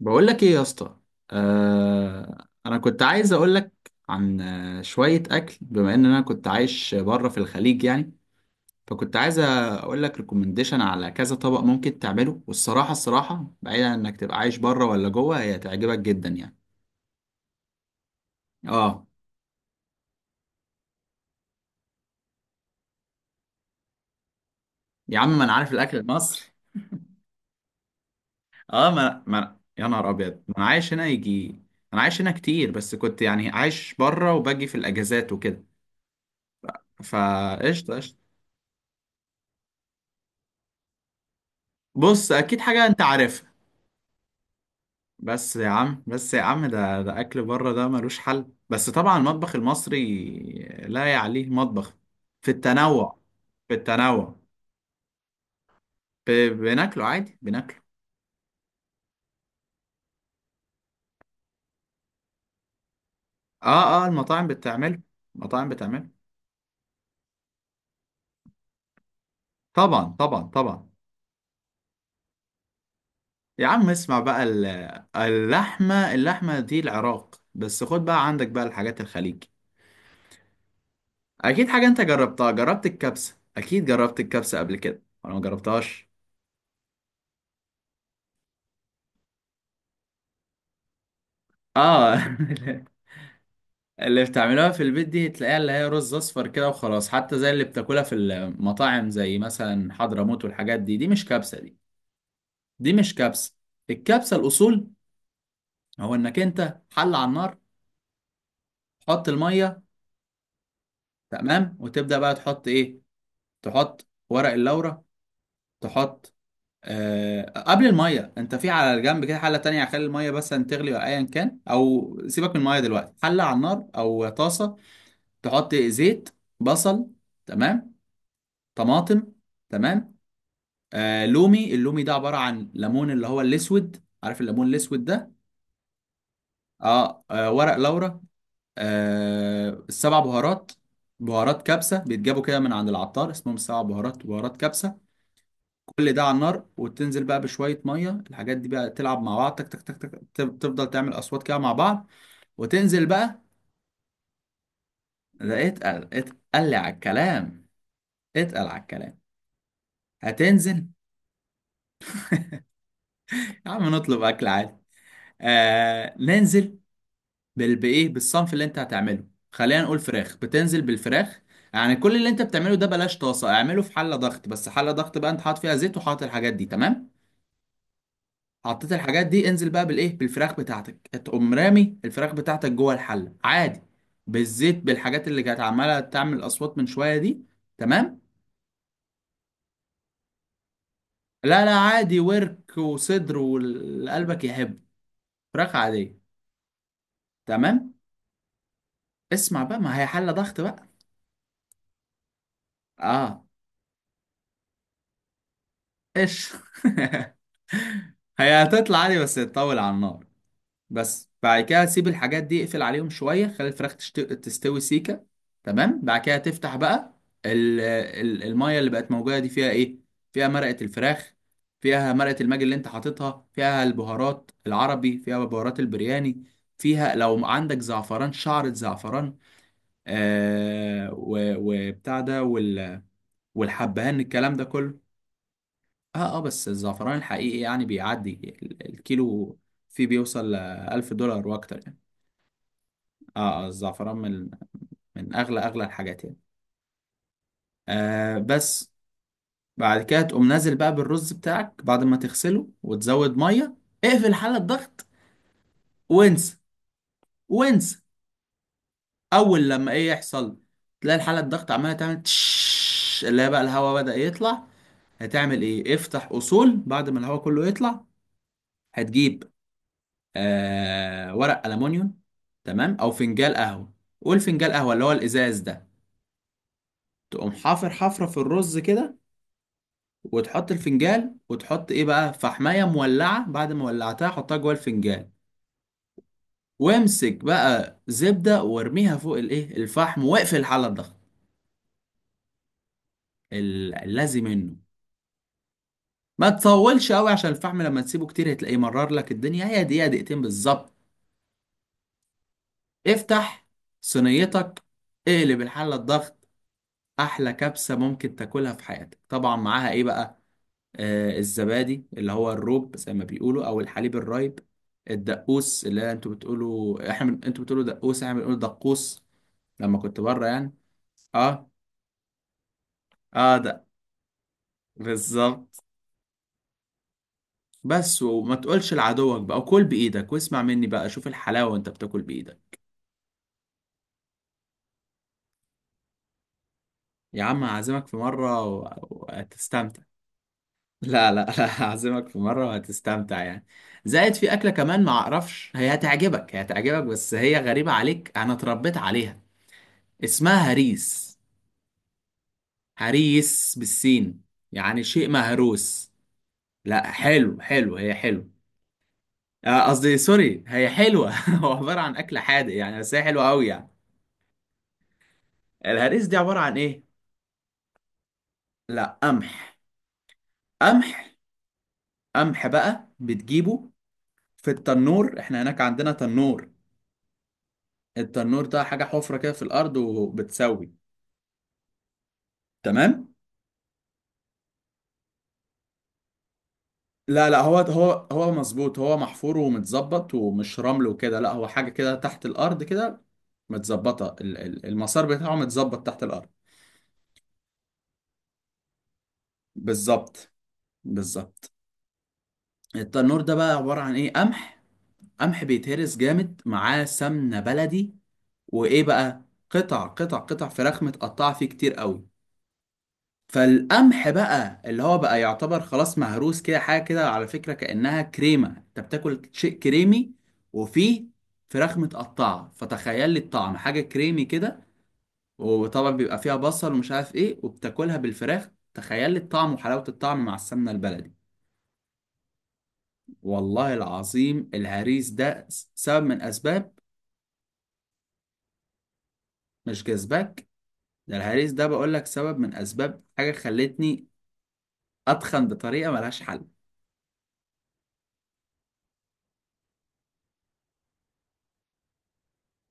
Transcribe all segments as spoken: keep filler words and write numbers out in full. بقول لك ايه يا اسطى. آه انا كنت عايز اقول لك عن آه، شويه اكل، بما ان انا كنت عايش بره في الخليج يعني. فكنت عايز اقول لك ريكومنديشن على كذا طبق ممكن تعمله، والصراحه الصراحه، بعيدا عن انك تبقى عايش بره ولا جوه، هي تعجبك جدا يعني. اه. يا عم ما انا عارف الاكل المصري. اه ما, ما يا نهار ابيض، ما انا عايش هنا يجي. انا عايش هنا كتير، بس كنت يعني عايش بره وباجي في الاجازات وكده. فقشطه قشطه. بص اكيد حاجه انت عارفها. بس يا عم بس يا عم ده ده اكل بره ده ملوش حل، بس طبعا المطبخ المصري لا يعليه مطبخ في التنوع. في التنوع. ب... بناكله عادي بناكله. اه اه، المطاعم بتعمله. المطاعم بتعمله. طبعا طبعا طبعا. يا عم اسمع بقى ال- اللحمة اللحمة دي العراق، بس خد بقى عندك بقى الحاجات الخليج. اكيد حاجة انت جربتها، جربت الكبسة، اكيد جربت الكبسة قبل كده ولا ما جربتهاش؟ اه. اللي بتعملوها في البيت دي تلاقيها اللي هي رز اصفر كده وخلاص، حتى زي اللي بتاكلها في المطاعم زي مثلا حضرموت والحاجات دي، دي مش كبسه دي. دي مش كبسه. الكبسه الاصول، هو انك انت حل على النار، تحط الميه، تمام، وتبدا بقى تحط ايه؟ تحط ورق اللورة، تحط. آه قبل الميه، انت في على الجنب كده حله تانية، خلي الميه بس أن تغلي ولا ايا كان، او سيبك من الميه دلوقتي، حله على النار او طاسه، تحط زيت، بصل، تمام، طماطم، تمام. آه لومي، اللومي ده عبارة عن ليمون، اللي هو الأسود، عارف الليمون الأسود ده. آه, آه ورق لورا، آه السبع بهارات، بهارات كبسة بيتجابوا كده من عند العطار، اسمهم السبع بهارات، بهارات كبسة. كل ده على النار، وتنزل بقى بشوية مية، الحاجات دي بقى تلعب مع بعض، تك تك تك تك، تف- تفضل تعمل أصوات كده مع بعض، وتنزل بقى. ده اتقل اتقل على الكلام. اتقل على الكلام. هتنزل. يا عم نطلب أكل عادي. آه ننزل بال- بايه، بالصنف اللي انت هتعمله، خلينا نقول فراخ، بتنزل بالفراخ. يعني كل اللي انت بتعمله ده بلاش طاسه، اعمله في حله ضغط، بس حله ضغط بقى انت حاطط فيها زيت وحاطط الحاجات دي، تمام. حطيت الحاجات دي، انزل بقى بالايه، بالفراخ بتاعتك، تقوم رامي الفراخ بتاعتك جوه الحله عادي، بالزيت، بالحاجات اللي كانت عماله تعمل اصوات من شويه دي، تمام. لا لا عادي، ورك وصدر واللي قلبك يحب. فراخ عاديه. تمام. اسمع بقى، ما هي حله ضغط بقى. اه. ايش؟ هي هتطلع عادي بس تطول على النار. بس بعد كده تسيب الحاجات دي، اقفل عليهم شوية، خلي الفراخ تشت... تستوي سيكة، تمام، بعد كده تفتح بقى. ال... ال... المية اللي بقت موجودة دي فيها ايه؟ فيها مرقة الفراخ، فيها مرقة الماجي اللي انت حاططها، فيها البهارات العربي، فيها بهارات البرياني، فيها لو عندك زعفران، شعرة زعفران، آه و... وبتاع ده، وال... والحبهان، الكلام ده كله. اه اه، بس الزعفران الحقيقي يعني بيعدي ال- الكيلو، فيه بيوصل لألف دولار وأكتر يعني. اه اه، الزعفران من من أغلى أغلى الحاجات يعني. آه بس، بعد كده تقوم نازل بقى بالرز بتاعك بعد ما تغسله وتزود مية. اقفل حالة الضغط، وانسى. وانسى. أول لما إيه يحصل؟ تلاقي الحالة الضغط عمالة تعمل تش، اللي هي بقى الهواء بدأ يطلع. هتعمل إيه؟ افتح أصول بعد ما الهواء كله يطلع. هتجيب آه ورق ألمونيوم، تمام، أو فنجان قهوة، قول فنجان قهوة اللي هو الإزاز ده. تقوم حافر حفرة في الرز كده، وتحط الفنجان، وتحط إيه بقى؟ فحماية مولعة، بعد ما ولعتها حطها جوه الفنجان، وامسك بقى زبدة وارميها فوق الإيه، الفحم، واقفل على الضغط. ال- اللازم منه. ما تطولش قوي، عشان الفحم لما تسيبه كتير هتلاقيه مرر لك الدنيا، هي دقيقة دقيقتين بالظبط. افتح صينيتك، اقلب الحلة الضغط، احلى كبسه ممكن تاكلها في حياتك، طبعا معاها ايه بقى؟ آه الزبادي اللي هو الروب زي ما بيقولوا، او الحليب الرايب. الدقوس، اللي انتوا بتقولوا، احنا بن- انتوا بتقولوا دقوس، احنا بنقول دقوس، لما كنت بره يعني. اه. اه. ده بالظبط. بس وما تقولش لعدوك بقى، وكل بايدك، واسمع مني بقى، شوف الحلاوه وانت بتاكل بايدك. يا عم هعزمك في مره و- وهتستمتع. لا لا لا. هعزمك في مرة وهتستمتع يعني. زائد في أكلة كمان، ما أعرفش، هي هتعجبك، هي هتعجبك، بس هي غريبة عليك، أنا اتربيت عليها. اسمها هريس. هريس بالسين. يعني شيء مهروس. لا، حلو حلو، هي حلو. آه، قصدي سوري، هي حلوة. هو عبارة عن أكل حادق يعني، بس هي حلوة أوي يعني. الهريس دي عبارة عن إيه؟ لا، قمح. قمح. قمح بقى بتجيبه في التنور، احنا هناك عندنا تنور. التنور ده حاجة حفرة كده في الأرض وبتسوي، تمام. لا لا، هو هو هو مظبوط، هو محفور ومتظبط، ومش رمل وكده، لا هو حاجة كده تحت الأرض كده، متظبطة، ال- ال- المسار بتاعه متظبط تحت الأرض. بالظبط. بالظبط. التنور ده بقى عبارة عن إيه؟ قمح. قمح بيتهرس جامد، معاه سمنة بلدي، وإيه بقى؟ قطع قطع قطع، فراخ متقطعة فيه كتير قوي. فالقمح بقى اللي هو بقى يعتبر خلاص مهروس كده، حاجه كده على فكره كانها كريمه، انت بتاكل شيء كريمي، وفيه فراخ متقطعه، فتخيل لي الطعم، حاجه كريمي كده. وطبعا بيبقى فيها بصل ومش عارف ايه، وبتاكلها بالفراخ، تخيل لي الطعم وحلاوه الطعم مع السمنه البلدي. والله العظيم الهريس ده س- سبب من اسباب. مش جذبك؟ ده الهريس ده بقول لك سبب من اسباب حاجه خلتني اتخن بطريقه ملهاش حل.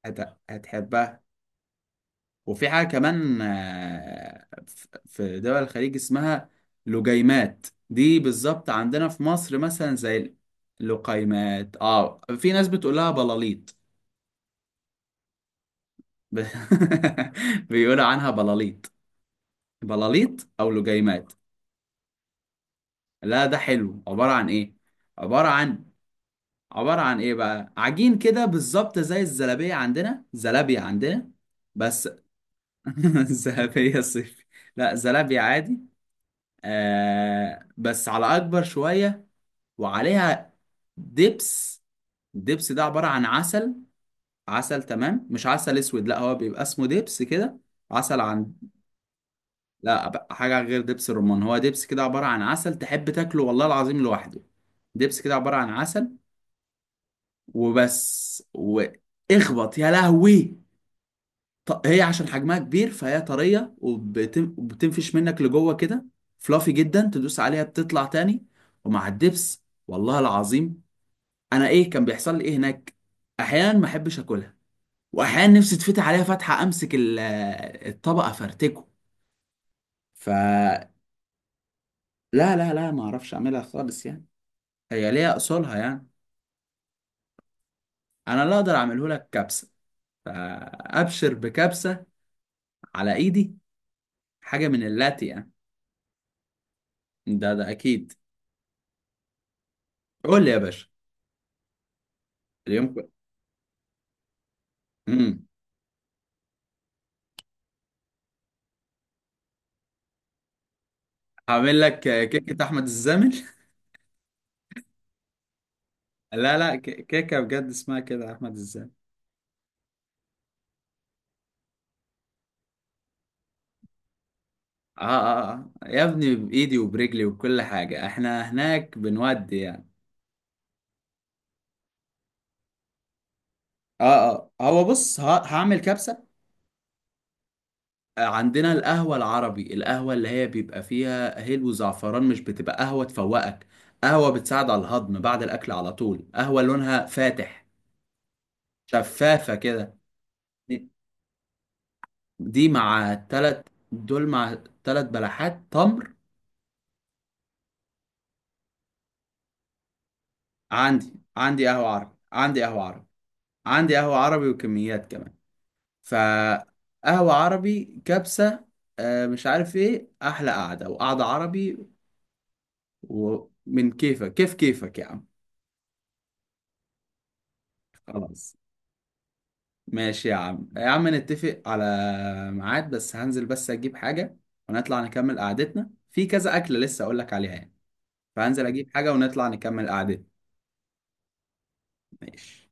هت- هتحبها. وفي حاجة كمان، آه، ف- في دول الخليج اسمها لجيمات، دي بالظبط عندنا في مصر مثلا زي اللقيمات، اه، في ناس بتقول لها بلاليط. ب- بيقولوا عنها بلاليط. بلاليط او لجيمات. لا ده حلو، عبارة عن ايه، عبارة عن، عبارة عن ايه بقى؟ عجين كده بالظبط زي الزلابية، عندنا زلابية، عندنا بس. زلابية صيفي. لا، زلابية عادي، آه بس على اكبر شويه، وعليها دبس. الدبس ده عباره عن عسل، عسل، تمام، مش عسل اسود لا، هو بيبقى اسمه دبس كده، عسل عن لا، بقى حاجه غير دبس الرمان، هو دبس كده عباره عن عسل، تحب تاكله والله العظيم لوحده. دبس كده عباره عن عسل. وبس واخبط يا لهوي. ط- هي عشان حجمها كبير فهي طريه، وبتن- وبتنفش منك لجوه كده، فلافي جدا، تدوس عليها بتطلع تاني. ومع الدبس والله العظيم. انا، ايه كان بيحصل لي ايه هناك، احيانا ما احبش اكلها، واحيانا نفسي تفتح عليها فتحه، امسك ال- آه، الطبق افرتكه. فلا. لا لا لا، ما اعرفش اعملها خالص يعني، هي ليها اصولها يعني. انا لا اقدر اعمله لك كبسه. فابشر بكبسه على ايدي. حاجه من اللاتي يعني. ده ده اكيد. قول لي يا باشا. اليوم كو- امم هعمل لك كيكه احمد الزامل. لا لا، ك- كيكه بجد اسمها كده، احمد الزامل. آه, آه, آه يا ابني، بإيدي وبرجلي وكل حاجة، احنا هناك بنودي يعني. آه آه هو بص، ه- هعمل كبسة. آه، عندنا القهوة العربي، القهوة اللي هي بيبقى فيها هيل وزعفران، مش بتبقى قهوة تفوقك، قهوة بتساعد على الهضم بعد الأكل على طول، قهوة لونها فاتح، شفافة كده. دي دي مع تلت، دول مع تلت بلحات تمر. عندي عندي قهوة عربي، عندي قهوة عربي. عندي قهوة عربي وكميات كمان. فقهوة عربي، كبسة. آه، مش عارف ايه، احلى قعدة، وقعدة عربي، ومن كيفك، كيف كيفك يا عم. خلاص. ماشي يا عم، يا عم نتفق على ميعاد، بس هنزل بس اجيب حاجة، ونطلع نكمل قعدتنا في كذا أكلة لسه اقول لك عليها يعني. فهنزل اجيب حاجة ونطلع نكمل قعدتنا. ماشي.